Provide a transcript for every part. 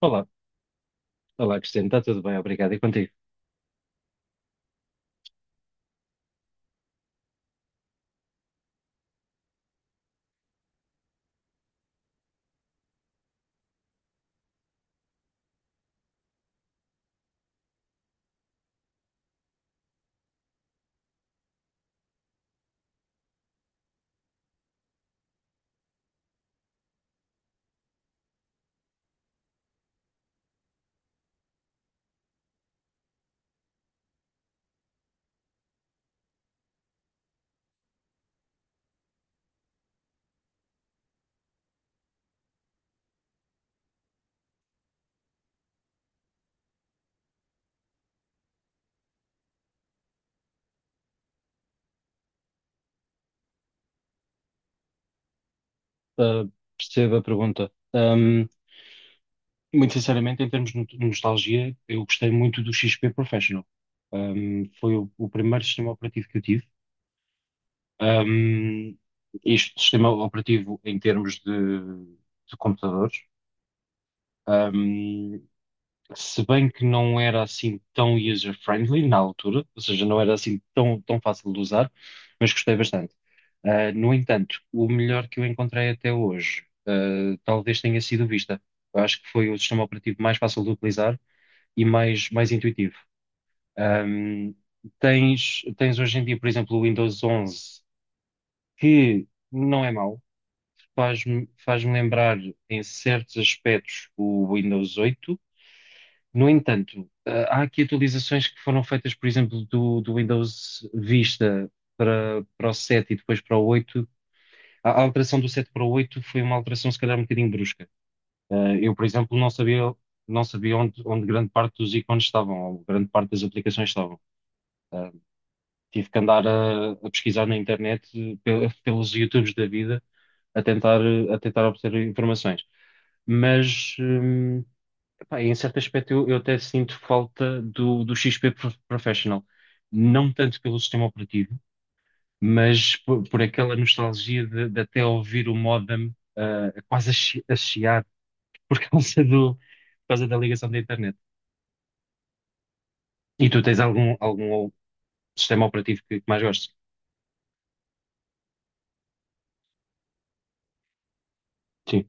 Olá, olá Cristiano, está tudo bem, obrigado. E contigo? Ah, Percebo a pergunta. Muito sinceramente, em termos de nostalgia, eu gostei muito do XP Professional. Foi o primeiro sistema operativo que eu tive. Ahm, Este sistema operativo em termos de computadores. Se bem que não era assim tão user-friendly na altura, ou seja, não era assim tão, tão fácil de usar, mas gostei bastante. Ah, no entanto, o melhor que eu encontrei até hoje, talvez tenha sido o Vista. Eu acho que foi o sistema operativo mais fácil de utilizar e mais intuitivo. Ahm, tens hoje em dia, por exemplo, o Windows 11, que não é mau, faz-me lembrar em certos aspectos o Windows 8. No entanto, há aqui atualizações que foram feitas, por exemplo, do Windows Vista para o 7 e depois para o 8. A alteração do 7 para o 8 foi uma alteração, se calhar, um bocadinho brusca. Eu, por exemplo, não sabia onde grande parte dos ícones estavam, ou grande parte das aplicações estavam. Eh, Tive que andar a pesquisar na internet, pelos YouTubes da vida, a tentar, a tentar obter informações. Mas. hum, Pá, em certo aspecto, eu até sinto falta do XP Professional. Não tanto pelo sistema operativo, mas por aquela nostalgia de até ouvir o modem, quase a chiar por causa do, por causa da ligação da internet. E tu tens algum sistema operativo que mais gostes? Sim.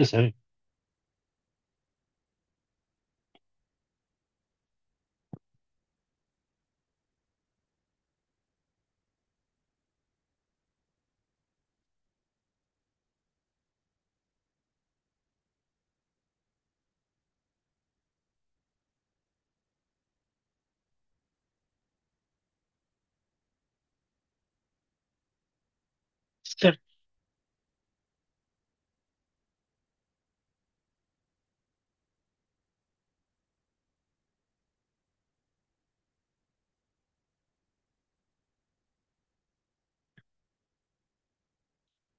É sério? Certo.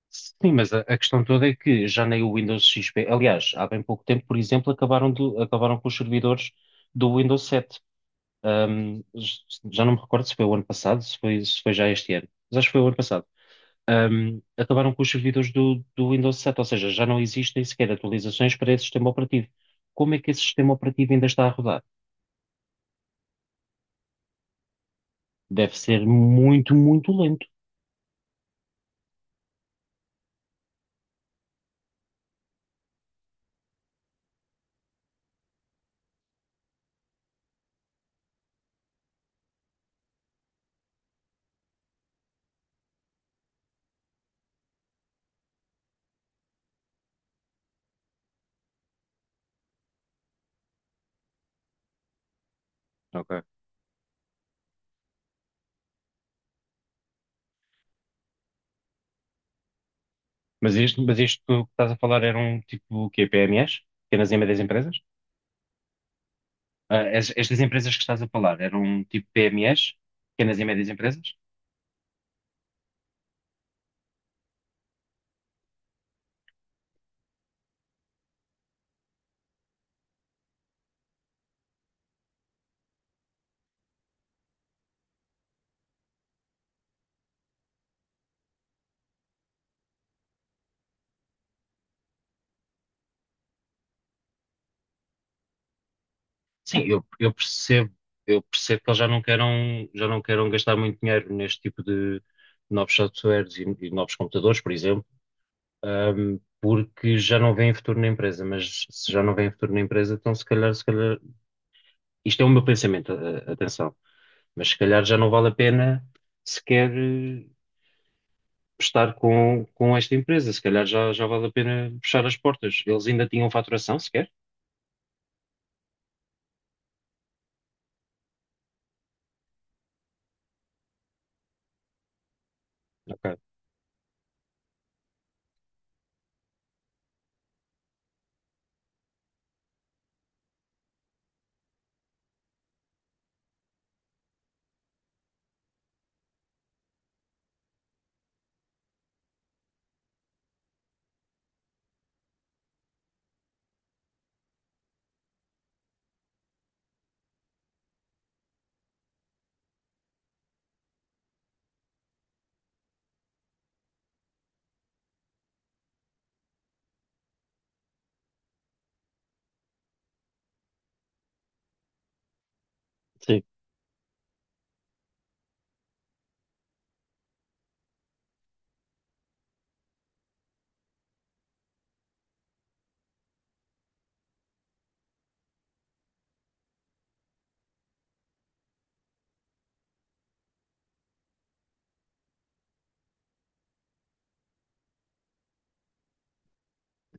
Sim, mas a questão toda é que já nem o Windows XP. Aliás, há bem pouco tempo, por exemplo, acabaram com os servidores do Windows 7. Um, Já não me recordo se foi o ano passado, se foi já este ano, mas acho que foi o ano passado. Acabaram com os servidores do Windows 7, ou seja, já não existem sequer atualizações para esse sistema operativo. Como é que esse sistema operativo ainda está a rodar? Deve ser muito, muito lento. Ok. Mas isto que estás a falar eram tipo o quê? PMEs? Pequenas e médias empresas? Ah, estas empresas que estás a falar eram tipo PMEs? Pequenas e médias empresas? Sim, eu percebo, eu percebo que eles já não queiram gastar muito dinheiro neste tipo de novos softwares e novos computadores, por exemplo, porque já não veem futuro na empresa, mas se já não veem futuro na empresa, então se calhar, isto é o meu pensamento, atenção, mas se calhar já não vale a pena sequer estar com esta empresa, se calhar já vale a pena fechar as portas. Eles ainda tinham faturação sequer? Ok, sim,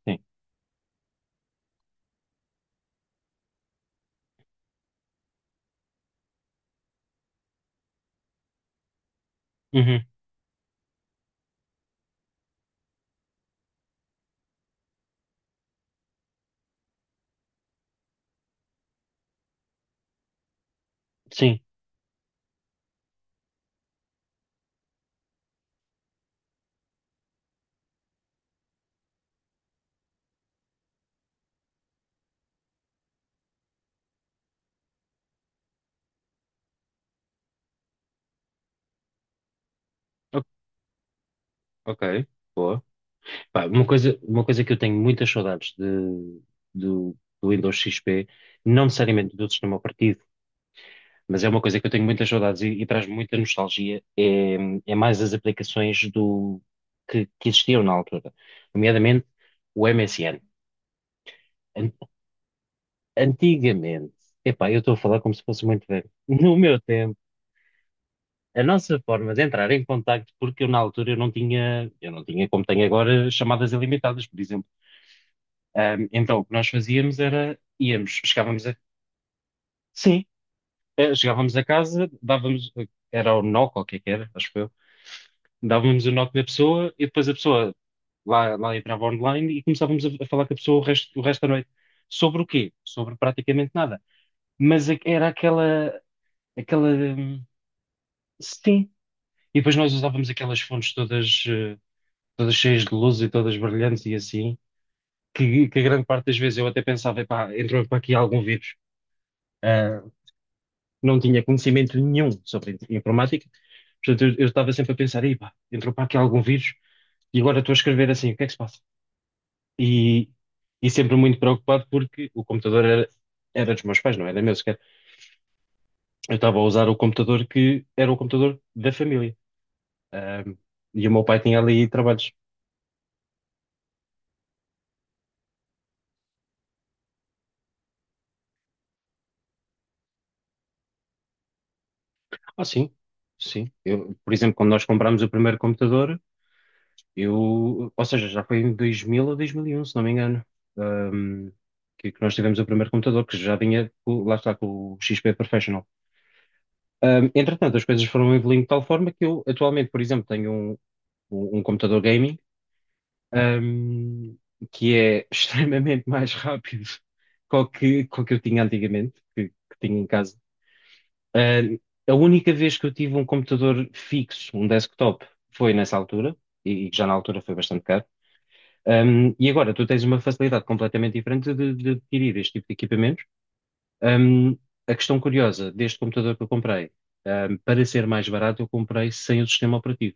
sim. Uhum, sim. O- ok, boa. Pá, uma coisa que eu tenho muitas saudades do, do Windows XP, não necessariamente do sistema operativo, mas é uma coisa que eu tenho muitas saudades e traz muita nostalgia, é mais as aplicações que existiam na altura, nomeadamente o MSN. An- Antigamente, epá, eu estou a falar como se fosse muito velho. No meu tempo, a nossa forma de entrar em contacto, porque eu na altura eu não tinha como tenho agora chamadas ilimitadas, por exemplo. Então, o que nós fazíamos era, íamos, chegávamos a, sim, chegávamos a casa, dávamos, era o knock, ou o que é que era, acho que eu, dávamos o knock da pessoa e depois a pessoa lá entrava online e começávamos a falar com a pessoa o resto da noite. Sobre o quê? Sobre praticamente nada. Mas é que era aquela, aquela. Sim. E depois nós usávamos aquelas fontes todas, todas cheias de luz e todas brilhantes e assim, que a grande parte das vezes eu até pensava, epá, entrou para aqui algum vírus. Ah, não tinha conhecimento nenhum sobre informática. Portanto, eu estava sempre a pensar: "Ei, pá, entrou para aqui algum vírus e agora estou a escrever assim, o que é que se passa?" E, e sempre muito preocupado porque o computador era dos meus pais, não era meu sequer. Eu estava a usar o computador que era o computador da família. Ahm, e o meu pai tinha ali trabalhos. Ah, sim, sim. Eu, por exemplo, quando nós comprámos o primeiro computador, ou seja, já foi em 2000 ou 2001, se não me engano, ahm, que nós tivemos o primeiro computador, que já vinha, lá está, com o XP Professional. Entretanto, as coisas foram evoluindo de tal forma que eu, atualmente, por exemplo, tenho um computador gaming, ahm, que é extremamente mais rápido que o que eu tinha antigamente, que tinha em casa. Ahm, a única vez que eu tive um computador fixo, um desktop, foi nessa altura, e já na altura foi bastante caro. E agora tu tens uma facilidade completamente diferente de adquirir este tipo de equipamentos. Um, a questão curiosa deste computador que eu comprei, para ser mais barato, eu comprei sem o sistema operativo.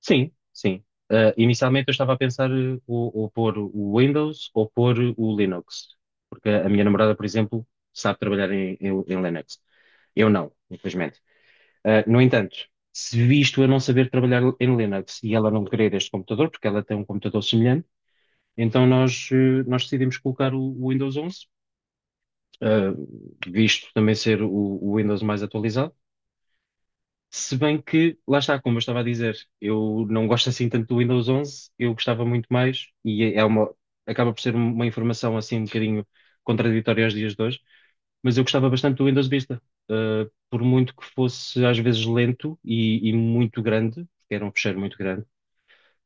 Sim, sim. Inicialmente eu estava a pensar ou pôr o Windows ou pôr o Linux, porque a minha namorada, por exemplo, sabe trabalhar em, em Linux. Eu não, infelizmente. No entanto, se visto eu não saber trabalhar em Linux e ela não querer este computador, porque ela tem um computador semelhante, então nós decidimos colocar o Windows 11, eh, visto também ser o Windows mais atualizado. Se bem que, lá está, como eu estava a dizer, eu não gosto assim tanto do Windows 11, eu gostava muito mais, e acaba por ser uma informação assim um bocadinho contraditória aos dias de hoje, mas eu gostava bastante do Windows Vista. Por muito que fosse às vezes lento e muito grande, porque era um fecheiro muito grande,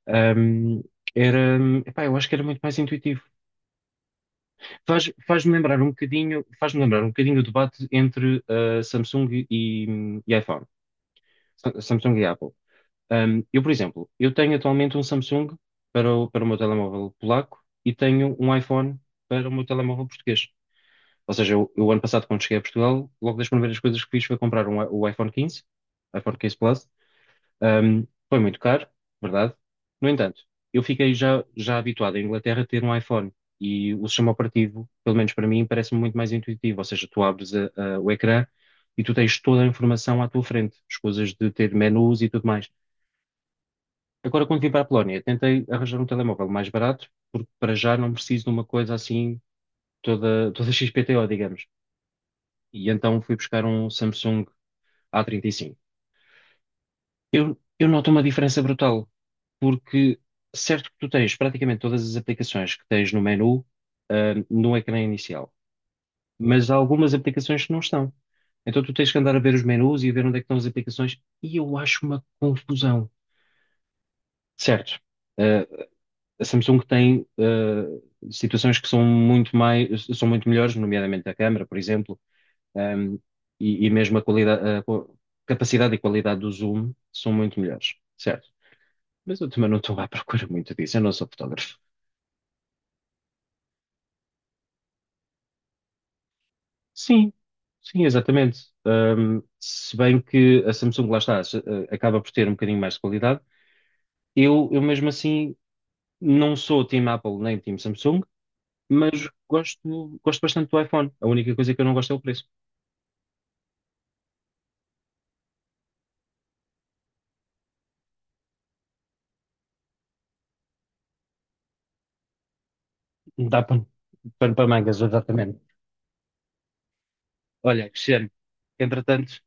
ehm, era, epá, eu acho que era muito mais intuitivo. Faz-me lembrar um bocadinho o debate entre Samsung e iPhone, Samsung e Apple. Eu, por exemplo, eu tenho atualmente um Samsung para o meu telemóvel polaco e tenho um iPhone para o meu telemóvel português. Ou seja, eu ano passado, quando cheguei a Portugal, logo das primeiras coisas que fiz foi comprar o iPhone 15, iPhone 15 Plus, foi muito caro, verdade. No entanto, eu fiquei já habituado à Inglaterra a ter um iPhone e o sistema operativo, pelo menos para mim, parece-me muito mais intuitivo. Ou seja, tu abres o ecrã e tu tens toda a informação à tua frente, as coisas de ter menus e tudo mais. Agora, quando vim para a Polónia, tentei arranjar um telemóvel mais barato, porque para já não preciso de uma coisa assim toda, toda XPTO, digamos. E então fui buscar um Samsung A35. Eu noto uma diferença brutal, porque certo que tu tens praticamente todas as aplicações que tens no menu, no ecrã inicial, mas há algumas aplicações que não estão. Então tu tens que andar a ver os menus e a ver onde é que estão as aplicações, e eu acho uma confusão. Certo, ah, a Samsung tem situações que são muito mais, são muito melhores, nomeadamente a câmara, por exemplo, ahm, e mesmo a qualidade, capacidade e qualidade do zoom são muito melhores. Certo. Mas eu também não estou à procura muito disso, eu não sou fotógrafo. Sim, sim, exatamente. Se bem que a Samsung, lá está, acaba por ter um bocadinho mais de qualidade, eu mesmo assim não sou Team Apple nem Team Samsung, mas gosto bastante do iPhone. A única coisa que eu não gosto é o preço. Dá pano para mangas, exatamente. Olha, Cristiano, entretanto,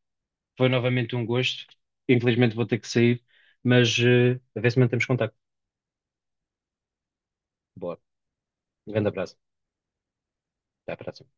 foi novamente um gosto. Infelizmente vou ter que sair, mas a ver se mantemos contacto. Boa. Um grande abraço. Até à próxima.